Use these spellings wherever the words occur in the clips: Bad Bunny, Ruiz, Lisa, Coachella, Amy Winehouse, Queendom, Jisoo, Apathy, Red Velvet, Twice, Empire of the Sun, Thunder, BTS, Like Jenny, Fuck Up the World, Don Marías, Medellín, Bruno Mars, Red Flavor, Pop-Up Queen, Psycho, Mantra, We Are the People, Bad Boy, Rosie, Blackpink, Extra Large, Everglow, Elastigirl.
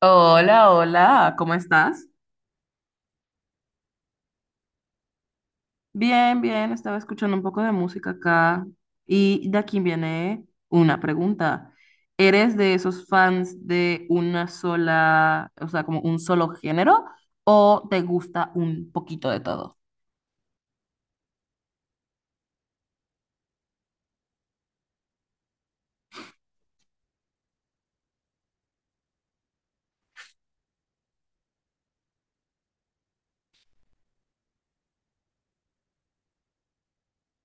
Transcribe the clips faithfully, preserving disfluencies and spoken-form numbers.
Hola, hola, ¿cómo estás? Bien, bien, estaba escuchando un poco de música acá y de aquí viene una pregunta. ¿Eres de esos fans de una sola, o sea, como un solo género o te gusta un poquito de todo?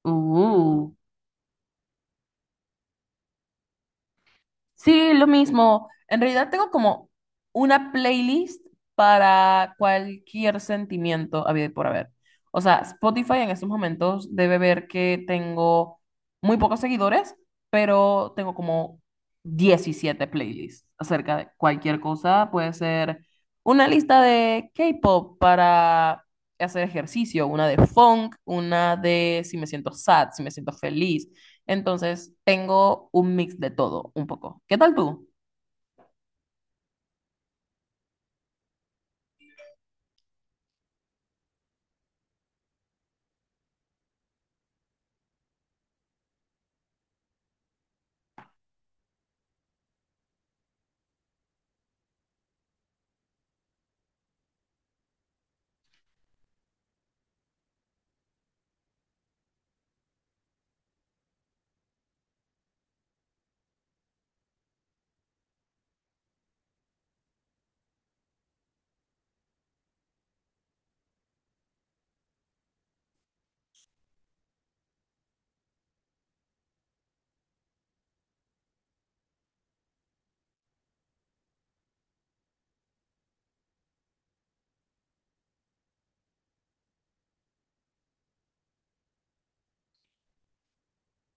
Uh. Sí, lo mismo. En realidad tengo como una playlist para cualquier sentimiento habido y por haber. O sea, Spotify en estos momentos debe ver que tengo muy pocos seguidores, pero tengo como diecisiete playlists acerca de cualquier cosa. Puede ser una lista de K-pop para hacer ejercicio, una de funk, una de si me siento sad, si me siento feliz entonces, tengo un mix de todo, un poco. ¿Qué tal tú?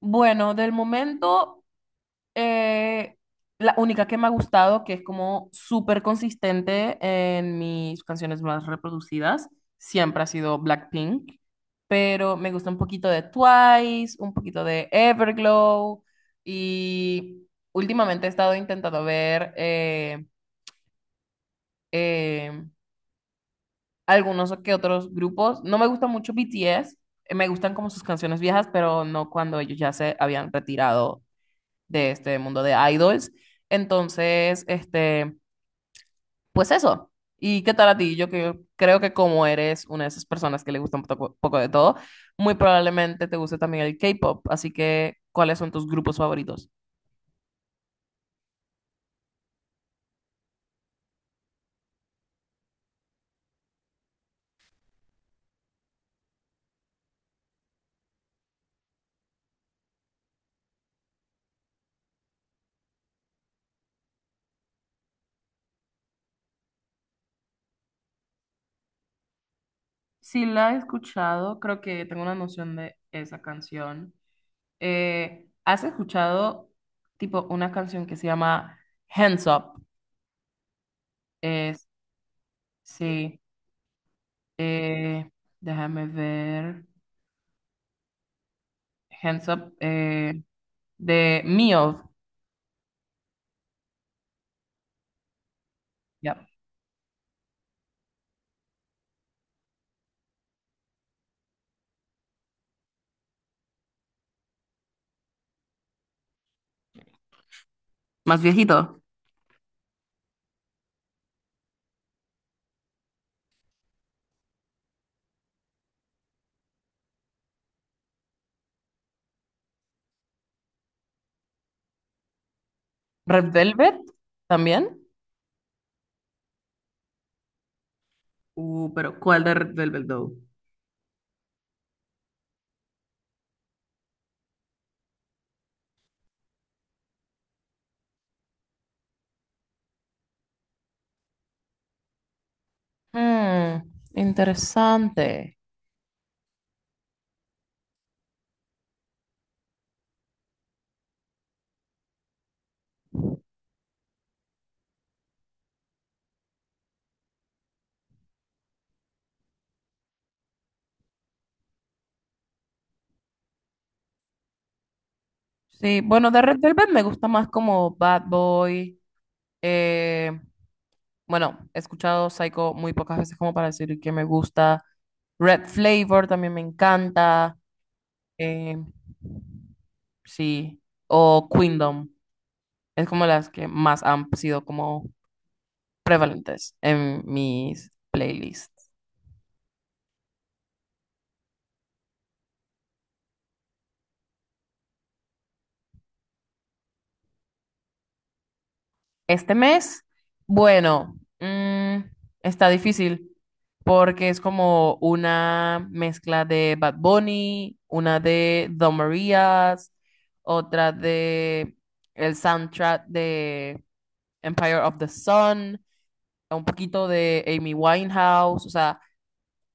Bueno, del momento, eh, la única que me ha gustado, que es como súper consistente en mis canciones más reproducidas, siempre ha sido Blackpink, pero me gusta un poquito de Twice, un poquito de Everglow y últimamente he estado intentando ver eh, eh, algunos que otros grupos. No me gusta mucho B T S, eh, me gustan como sus canciones viejas, pero no cuando ellos ya se habían retirado de este mundo de idols. Entonces, este, pues eso. ¿Y qué tal a ti? Yo que, creo que como eres una de esas personas que le gusta un poco, poco de todo, muy probablemente te guste también el K-pop. Así que, ¿cuáles son tus grupos favoritos? Sí, la he escuchado, creo que tengo una noción de esa canción. Eh, ¿has escuchado tipo una canción que se llama Hands Up? Es, sí, eh, déjame ver. Hands Up, eh, de Mio, ya. Más viejito. Red Velvet también. Uh, pero ¿cuál de Red Velvet Doe? Mm, interesante. Sí, bueno, de Red Velvet me gusta más como Bad Boy. eh, Bueno, he escuchado Psycho muy pocas veces como para decir que me gusta. Red Flavor también me encanta. eh, sí. O Queendom. Es como las que más han sido como prevalentes en mis playlists. Este mes, bueno, mm, está difícil porque es como una mezcla de Bad Bunny, una de Don Marías, otra de el soundtrack de Empire of the Sun, un poquito de Amy Winehouse, o sea,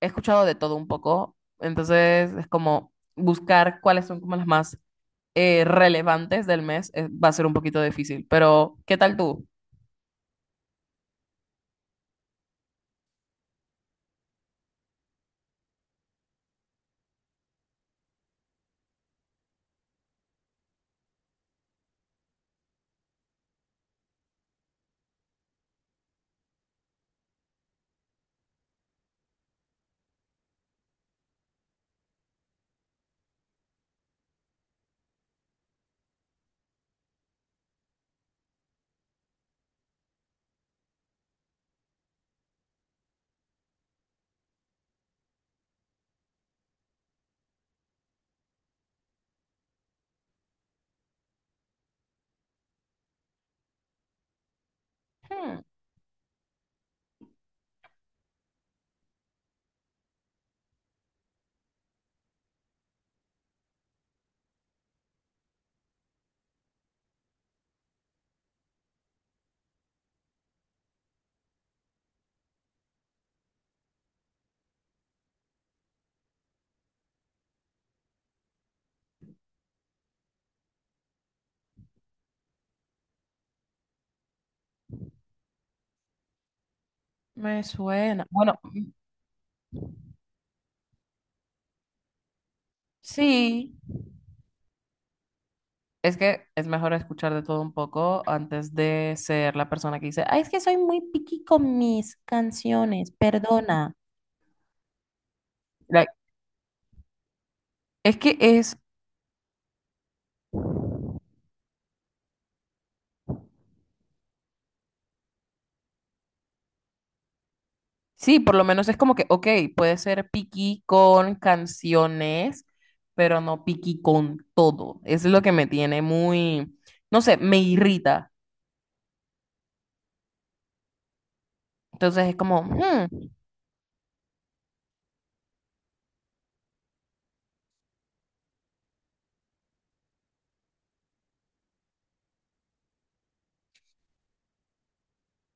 he escuchado de todo un poco, entonces es como buscar cuáles son como las más eh, relevantes del mes, eh, va a ser un poquito difícil, pero ¿qué tal tú? Hmm. Me suena. Bueno, sí, es que es mejor escuchar de todo un poco antes de ser la persona que dice, ay, es que soy muy picky con mis canciones, perdona. Like, es que es, sí, por lo menos es como que, ok, puede ser picky con canciones, pero no picky con todo. Eso es lo que me tiene muy, no sé, me irrita. Entonces es como, hmm,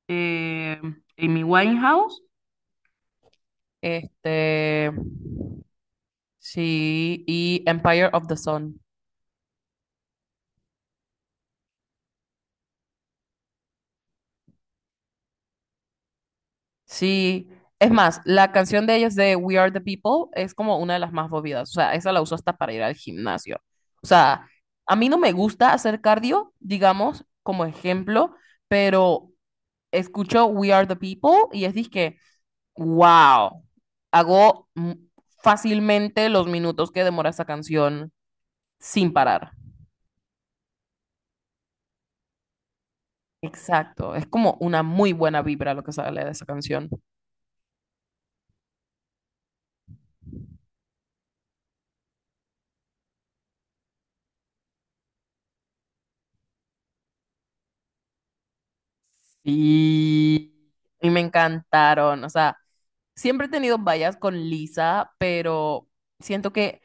eh, Amy Winehouse, este. Sí, y Empire of the Sun. Sí, es más, la canción de ellos de We Are the People es como una de las más movidas. O sea, esa la uso hasta para ir al gimnasio. O sea, a mí no me gusta hacer cardio, digamos, como ejemplo, pero escucho We Are the People y es que, wow, hago mm, fácilmente los minutos que demora esa canción sin parar. Exacto, es como una muy buena vibra lo que sale de esa canción. Y, y me encantaron. O sea, siempre he tenido vallas con Lisa, pero siento que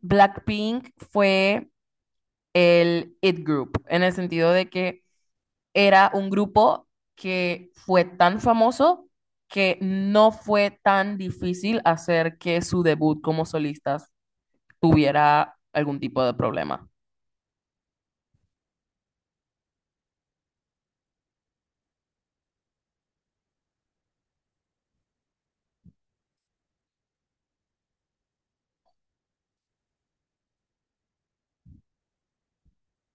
Blackpink fue el it group, en el sentido de que era un grupo que fue tan famoso que no fue tan difícil hacer que su debut como solistas tuviera algún tipo de problema.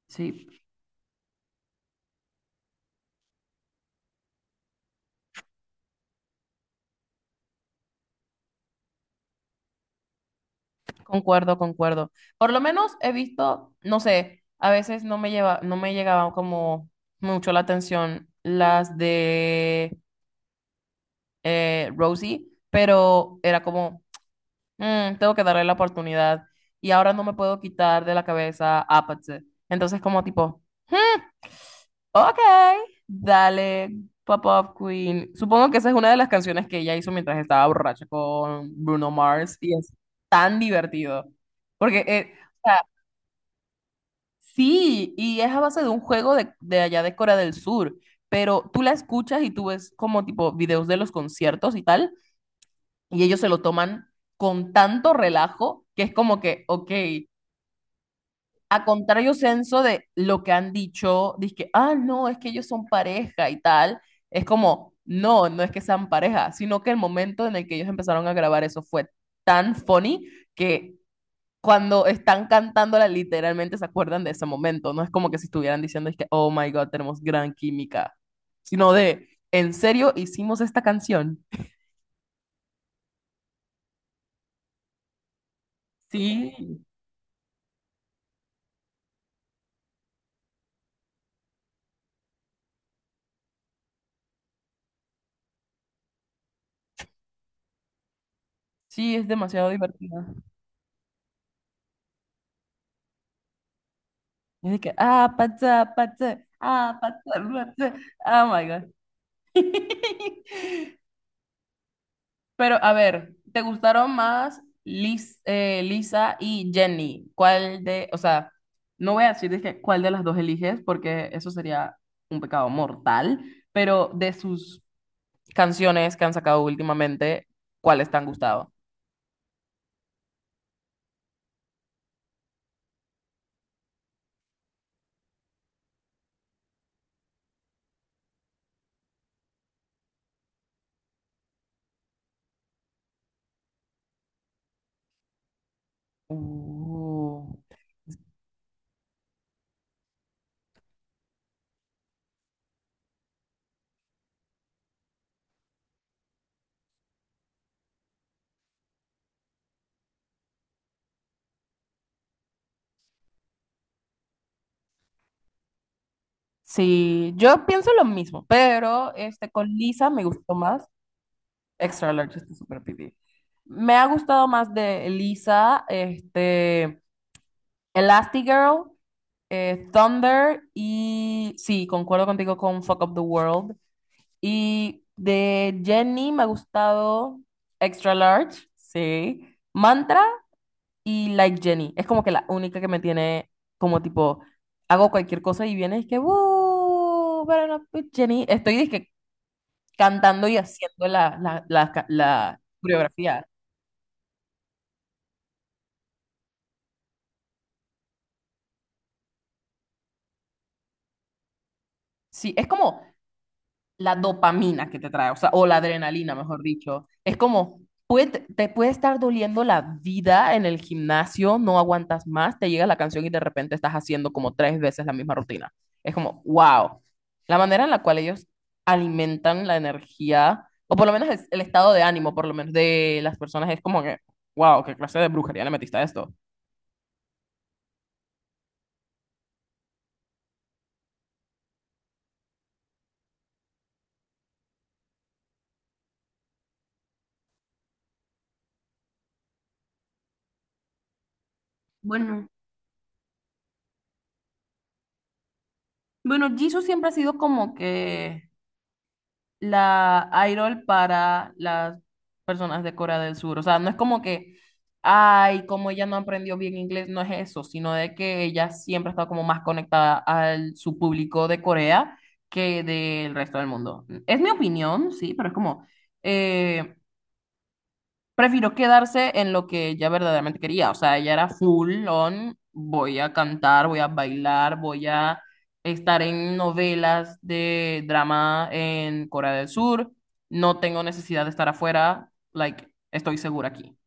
Sí, concuerdo, concuerdo. Por lo menos he visto, no sé, a veces no me lleva, no me llegaba como mucho la atención las de eh, Rosie, pero era como, "Mm, tengo que darle la oportunidad y ahora no me puedo quitar de la cabeza Apathy". Entonces como tipo, "Hmm, ok, dale, Pop-Up Queen". Supongo que esa es una de las canciones que ella hizo mientras estaba borracha con Bruno Mars y es tan divertido. Porque, eh, o sea, sí, y es a base de un juego de, de allá de Corea del Sur, pero tú la escuchas y tú ves como tipo videos de los conciertos y tal, y ellos se lo toman con tanto relajo que es como que, ok, a contrario senso de lo que han dicho, que ah, no, es que ellos son pareja y tal, es como, no, no es que sean pareja, sino que el momento en el que ellos empezaron a grabar eso fue tan funny que cuando están cantándola, literalmente se acuerdan de ese momento. No es como que si estuvieran diciendo, es que, oh my God, tenemos gran química, sino de, ¿en serio hicimos esta canción? Sí, sí, es demasiado divertida. Es de que, ah, pata, pata, ah, pata, pata, oh my God. Pero a ver, ¿te gustaron más Lis- eh, Lisa y Jenny? ¿Cuál de, o sea, no voy a decir de que- cuál de las dos eliges porque eso sería un pecado mortal, pero de sus canciones que han sacado últimamente, ¿cuáles te han gustado? Uh, Sí, yo pienso lo mismo, pero este, con Lisa me gustó más. Extra Large está súper pipí. Me ha gustado más de Lisa, este, Elastigirl. eh, Thunder y sí, concuerdo contigo con Fuck Up the World. Y de Jenny me ha gustado Extra Large, sí. Mantra y Like Jenny. Es como que la única que me tiene como tipo, hago cualquier cosa y viene y es que, "Woo, pero no, pues, Jenny". Estoy dizque cantando y haciendo la, la, la, ca- la coreografía. Sí, es como, la dopamina que te trae, o sea, o la adrenalina, mejor dicho. Es como, puede, te puede estar doliendo la vida en el gimnasio, no aguantas más, te llega la canción y de repente estás haciendo como tres veces la misma rutina. Es como, wow. La manera en la cual ellos alimentan la energía, o por lo menos el, el estado de ánimo, por lo menos de las personas, es como que, wow, qué clase de brujería le metiste a esto. Bueno, bueno, Jisoo siempre ha sido como que la idol para las personas de Corea del Sur. O sea, no es como que, ay, como ella no aprendió bien inglés, no es eso, sino de que ella siempre ha estado como más conectada a su público de Corea que del resto del mundo. Es mi opinión, sí, pero es como, eh, prefirió quedarse en lo que ella verdaderamente quería. O sea, ella era full on, voy a cantar, voy a bailar, voy a estar en novelas de drama en Corea del Sur. No tengo necesidad de estar afuera, like, estoy segura aquí.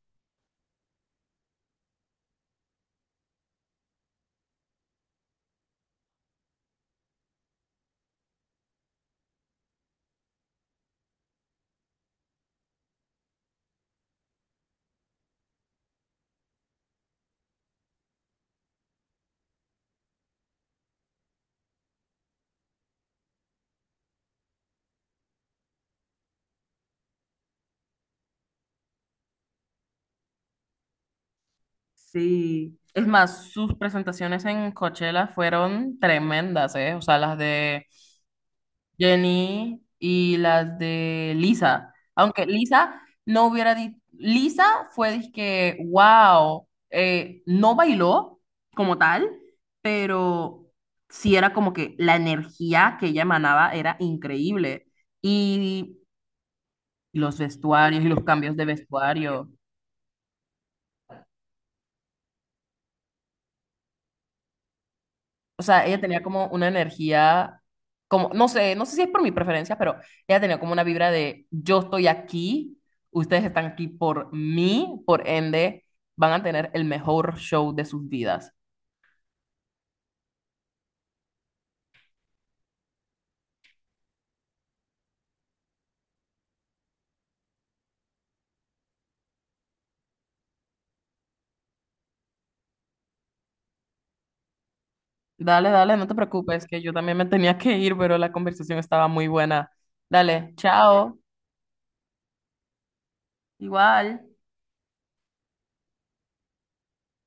Sí. Es más, sus presentaciones en Coachella fueron tremendas, ¿eh? O sea, las de Jenny y las de Lisa. Aunque Lisa no hubiera dicho, Lisa fue que, wow, eh, no bailó como tal, pero sí era como que la energía que ella emanaba era increíble. Y los vestuarios y los cambios de vestuario. O sea, ella tenía como una energía, como, no sé, no sé si es por mi preferencia, pero ella tenía como una vibra de yo estoy aquí, ustedes están aquí por mí, por ende, van a tener el mejor show de sus vidas. Dale, dale, no te preocupes, que yo también me tenía que ir, pero la conversación estaba muy buena. Dale, chao. Igual.